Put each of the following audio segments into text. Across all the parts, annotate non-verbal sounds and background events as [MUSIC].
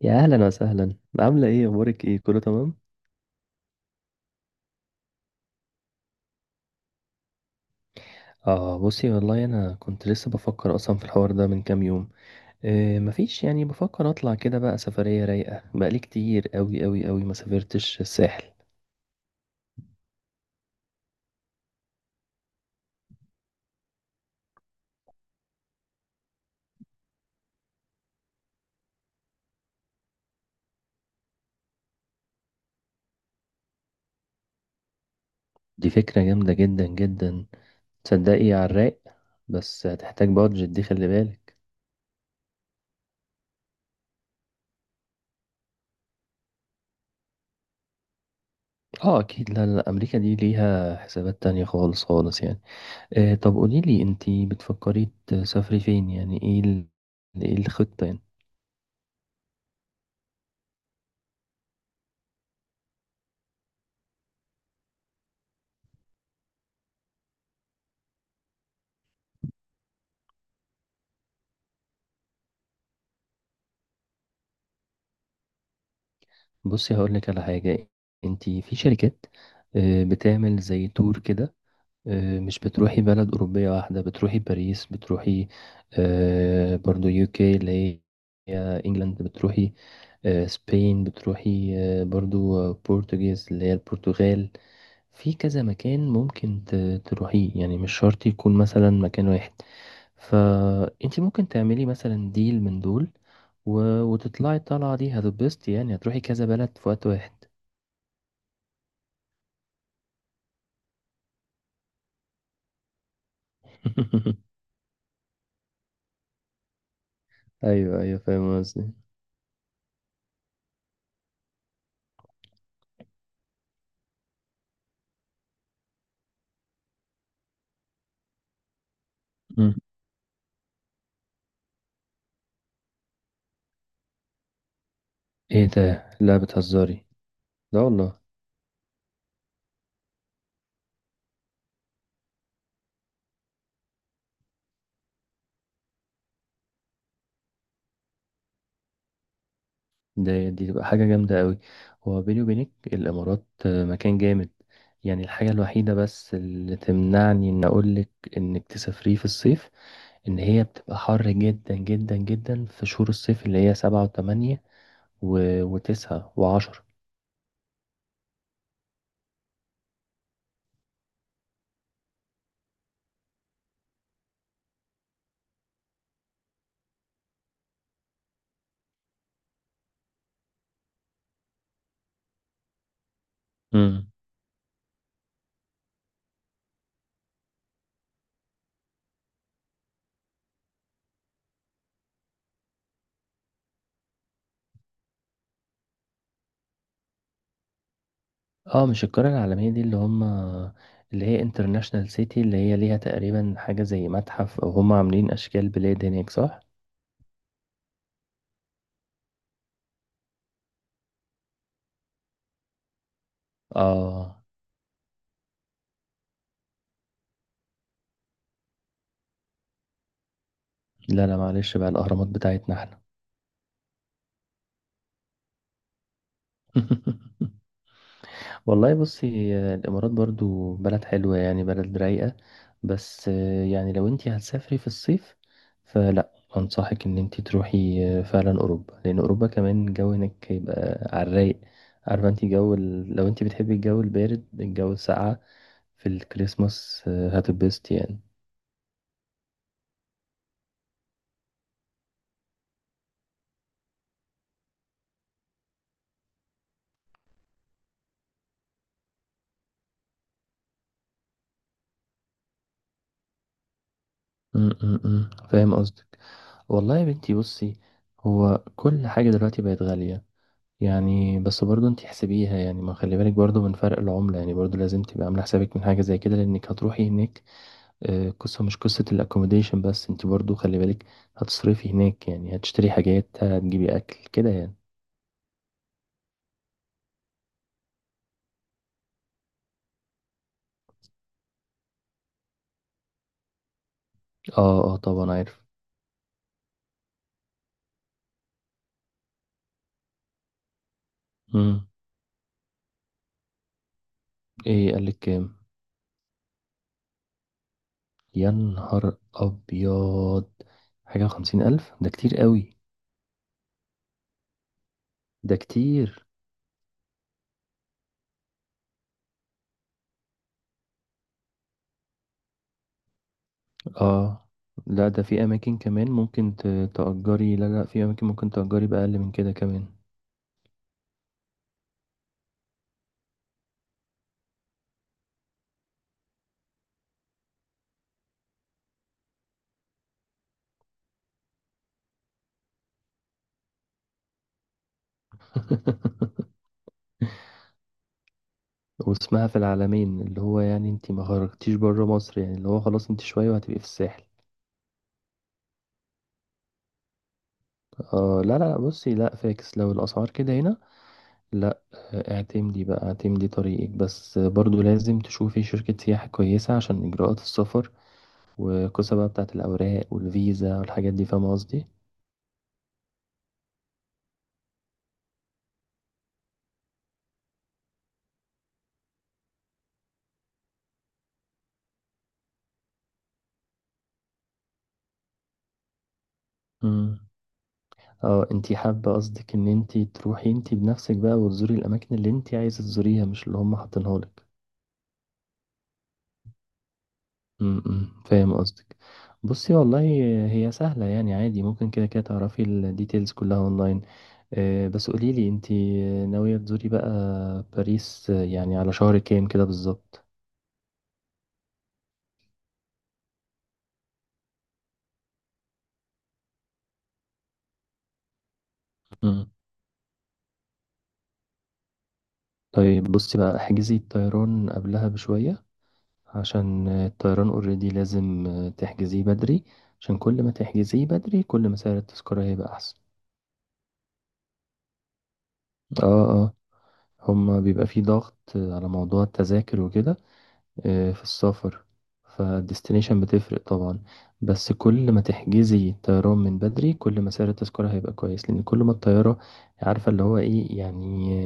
يا اهلا وسهلا. عامله ايه، اخبارك، ايه كله تمام؟ اه بصي، والله انا كنت لسه بفكر اصلا في الحوار ده من كام يوم. إيه، مفيش يعني، بفكر اطلع كده بقى سفريه رايقه، بقالي كتير قوي قوي قوي ما سافرتش الساحل. دي فكره جامده جدا جدا، تصدقي على الرايق. بس هتحتاج بادجت، دي خلي بالك. اه اكيد، لا لا امريكا دي ليها حسابات تانية خالص خالص يعني. إيه، طب قوليلي انتي بتفكري تسافري فين يعني، ايه الخطه يعني. بصي هقول لك على حاجة، انت في شركات بتعمل زي تور كده، مش بتروحي بلد أوروبية واحدة، بتروحي باريس، بتروحي برضو يوكي اللي هي انجلاند، بتروحي سبين، بتروحي برضو بورتوجيز اللي هي البرتغال. في كذا مكان ممكن تروحيه، يعني مش شرط يكون مثلا مكان واحد. فانت ممكن تعملي مثلا ديل من دول و- وتطلعي الطلعة دي، هتتبسطي، يعني هتروحي كذا بلد في وقت واحد. [LAUGHS] ايوه ايوه، فاهم قصدي. مم. ايه ده، لا بتهزري. لا والله. دي تبقى حاجه جامده قوي. هو بيني وبينك الامارات مكان جامد، يعني الحاجه الوحيده بس اللي تمنعني ان اقولك انك تسافريه في الصيف، ان هي بتبقى حر جدا جدا جدا في شهور الصيف اللي هي سبعة وثمانية و... وتسعة وعشرة. اه مش القرية العالمية دي اللي هم اللي هي انترناشنال سيتي، اللي هي ليها تقريبا حاجة زي متحف او هم عاملين اشكال بلاد هناك، صح؟ اه لا لا معلش بقى، الاهرامات بتاعتنا احنا. [LAUGHS] والله بصي، الامارات برضو بلد حلوة، يعني بلد رايقة، بس يعني لو انتي هتسافري في الصيف فلا، انصحك ان انتي تروحي فعلا اوروبا، لان اوروبا كمان الجو هناك هيبقى على الرايق. عارفة انتي جو لو انتي بتحبي الجو البارد، الجو الساقعة في الكريسماس، هتتبسط يعني. م- م- م. فاهم قصدك. والله يا بنتي بصي، هو كل حاجة دلوقتي بقت غالية، يعني بس برضه انت حسبيها، يعني ما خلي بالك برضه من فرق العملة، يعني برضه لازم تبقى عاملة حسابك من حاجة زي كده لأنك هتروحي هناك. قصة مش قصة الأكوموديشن بس، انت برضه خلي بالك هتصرفي هناك، يعني هتشتري حاجات، هتجيبي أكل كده يعني. اه اه طبعا عارف. مم. ايه قالك كام؟ يا نهار أبيض، حاجة وخمسين ألف؟ ده كتير قوي. ده كتير. اه لا، ده في اماكن كمان ممكن تأجري، لا لا، في اماكن ممكن تأجري بأقل من كده كمان. [LAUGHS] واسمها في العالمين، اللي هو يعني انت ما خرجتيش بره مصر، يعني اللي هو خلاص انت شوية وهتبقي في الساحل. اه لا لا بصي، لا فاكس لو الاسعار كده هنا. لا. اعتمدي بقى، اعتمدي طريقك بس، برضو لازم تشوفي شركة سياحة كويسة عشان اجراءات السفر والقصة بقى بتاعت الاوراق والفيزا والحاجات دي، فاهمة قصدي. اه انتي حابة، قصدك ان انتي تروحي انتي بنفسك بقى، وتزوري الاماكن اللي انتي عايزة تزوريها مش اللي هم حاطينها لك. امم، فاهم قصدك. بصي والله، هي سهلة يعني، عادي ممكن كده كده تعرفي الديتيلز كلها اونلاين. بس قوليلي انتي ناوية تزوري بقى باريس يعني على شهر كام كده بالظبط؟ مم. طيب بصي بقى، احجزي الطيران قبلها بشوية، عشان الطيران اوريدي لازم تحجزيه بدري، عشان كل ما تحجزيه بدري كل ما سعر التذكرة هيبقى أحسن. اه اه، هما بيبقى في ضغط على موضوع التذاكر وكده في السفر، فالديستنيشن بتفرق طبعا، بس كل ما تحجزي الطيران من بدري كل ما سعر التذكرة هيبقى كويس، لأن كل ما الطيارة، عارفة اللي هو ايه يعني،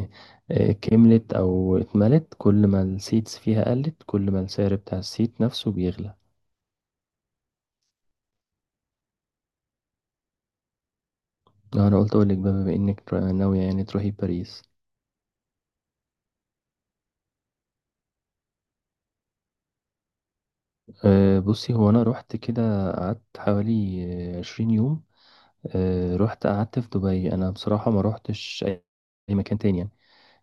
كملت أو اتملت، كل ما السيتس فيها قلت كل ما السعر بتاع السيت نفسه بيغلى. أنا قلت أقولك بقى بما إنك ناوية يعني تروحي باريس. بصي، هو أنا روحت كده، قعدت حوالي عشرين يوم. رحت قعدت في دبي، انا بصراحه ما روحتش اي أي مكان تاني يعني،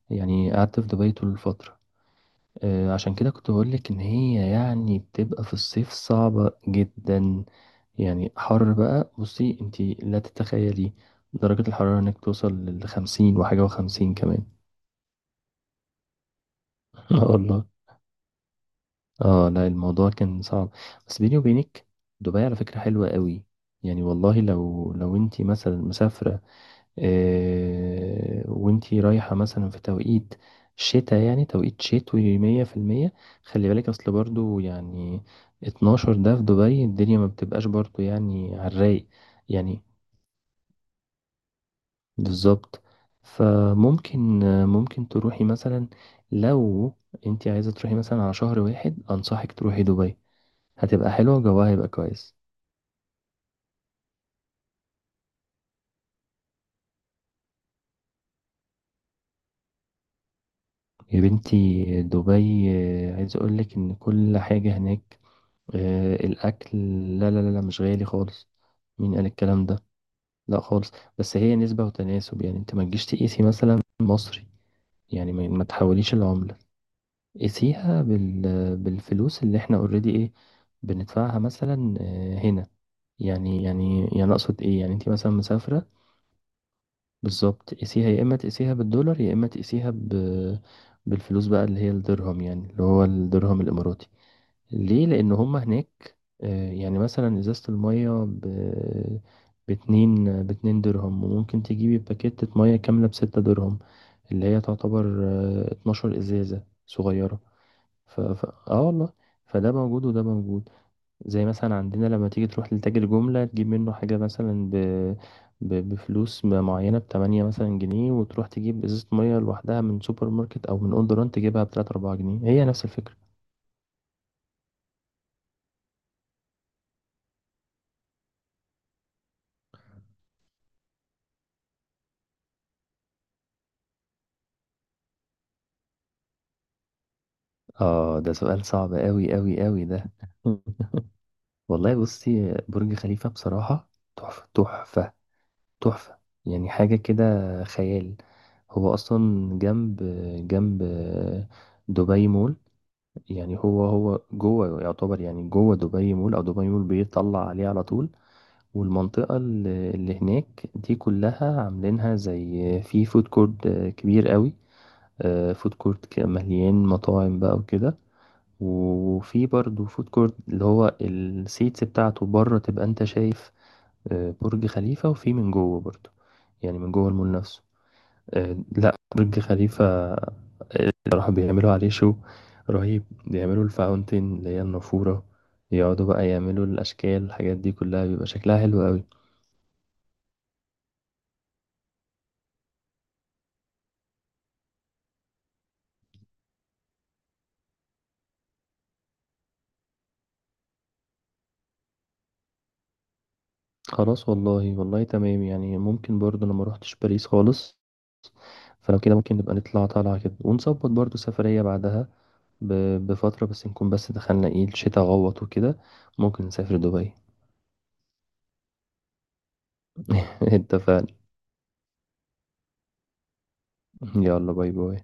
يعني قعدت في دبي طول الفتره. عشان كده كنت بقول لك ان هي يعني بتبقى في الصيف صعبه جدا، يعني حر بقى، بصي انتي لا تتخيلي درجه الحراره، انك توصل لخمسين وحاجه وخمسين كمان. [LAUGHS] اه والله. اه لا، الموضوع كان صعب. بس بيني وبينك، دبي على فكره حلوه قوي. يعني والله لو انتي مثلا مسافره، وانتي رايحة مثلا في توقيت شتاء، يعني توقيت شتوي مية في المية، خلي بالك اصل، برضو يعني اتناشر ده في دبي الدنيا ما بتبقاش برضو يعني على الرايق، يعني بالظبط. فممكن ممكن تروحي مثلا، لو انتي عايزة تروحي مثلا على شهر واحد، انصحك تروحي دبي، هتبقى حلوة، جوها هيبقى كويس. يا بنتي دبي، عايز اقولك ان كل حاجة هناك، الأكل، لا لا لا لا، مش غالي خالص، مين قال الكلام ده، لا خالص. بس هي نسبة وتناسب، يعني انت ما تجيش تقيسي مثلا مصري، يعني ما تحوليش العملة، قيسيها بالفلوس اللي احنا اوريدي ايه بندفعها مثلا هنا، يعني اقصد ايه يعني، انت مثلا مسافرة، بالظبط قيسيها، يا اما تقيسيها بالدولار يا اما تقيسيها بالفلوس بقى اللي هي الدرهم، يعني اللي هو الدرهم الاماراتي. ليه؟ لان هم هناك يعني مثلا ازازة المية باتنين درهم، وممكن تجيبي باكيتة مية كاملة بستة درهم، اللي هي تعتبر 12 ازازة صغيرة. اه والله، فده موجود وده موجود، زي مثلا عندنا لما تيجي تروح لتاجر جملة تجيب منه حاجة مثلا بفلوس معينة، بتمانية مثلا جنيه، وتروح تجيب ازازة مية لوحدها من سوبر ماركت او من اون دوران تجيبها بتلاتة اربعة جنيه، هي نفس الفكرة. اه ده سؤال صعب قوي قوي قوي ده. [LAUGHS] والله بصي، برج خليفة بصراحة، تحفة تحفة تحفة، يعني حاجة كده خيال. هو أصلا جنب جنب دبي مول، يعني هو جوه، يعتبر يعني جوه دبي مول، أو دبي مول بيطلع عليه على طول. والمنطقة اللي هناك دي كلها عاملينها زي في فود كورت كبير قوي، فود كورت مليان مطاعم بقى وكده. وفي برضه فود كورت اللي هو السيتس بتاعته بره، تبقى انت شايف برج خليفة، وفي من جوه برضه، يعني من جوه المول نفسه لا برج خليفة، بصراحة بيعملوا عليه شو رهيب، بيعملوا الفاونتين اللي هي النافورة، يقعدوا بقى يعملوا الأشكال الحاجات دي كلها، بيبقى شكلها حلو قوي. خلاص والله، والله تمام يعني، ممكن برضه، أنا ما روحتش باريس خالص، فلو كده ممكن نبقى نطلع طالعة كده، ونظبط برضه سفرية بعدها بفترة، بس نكون بس دخلنا ايه الشتاء غوط وكده، ممكن نسافر دبي. [LAUGHS] اتفقنا. يلا باي باي.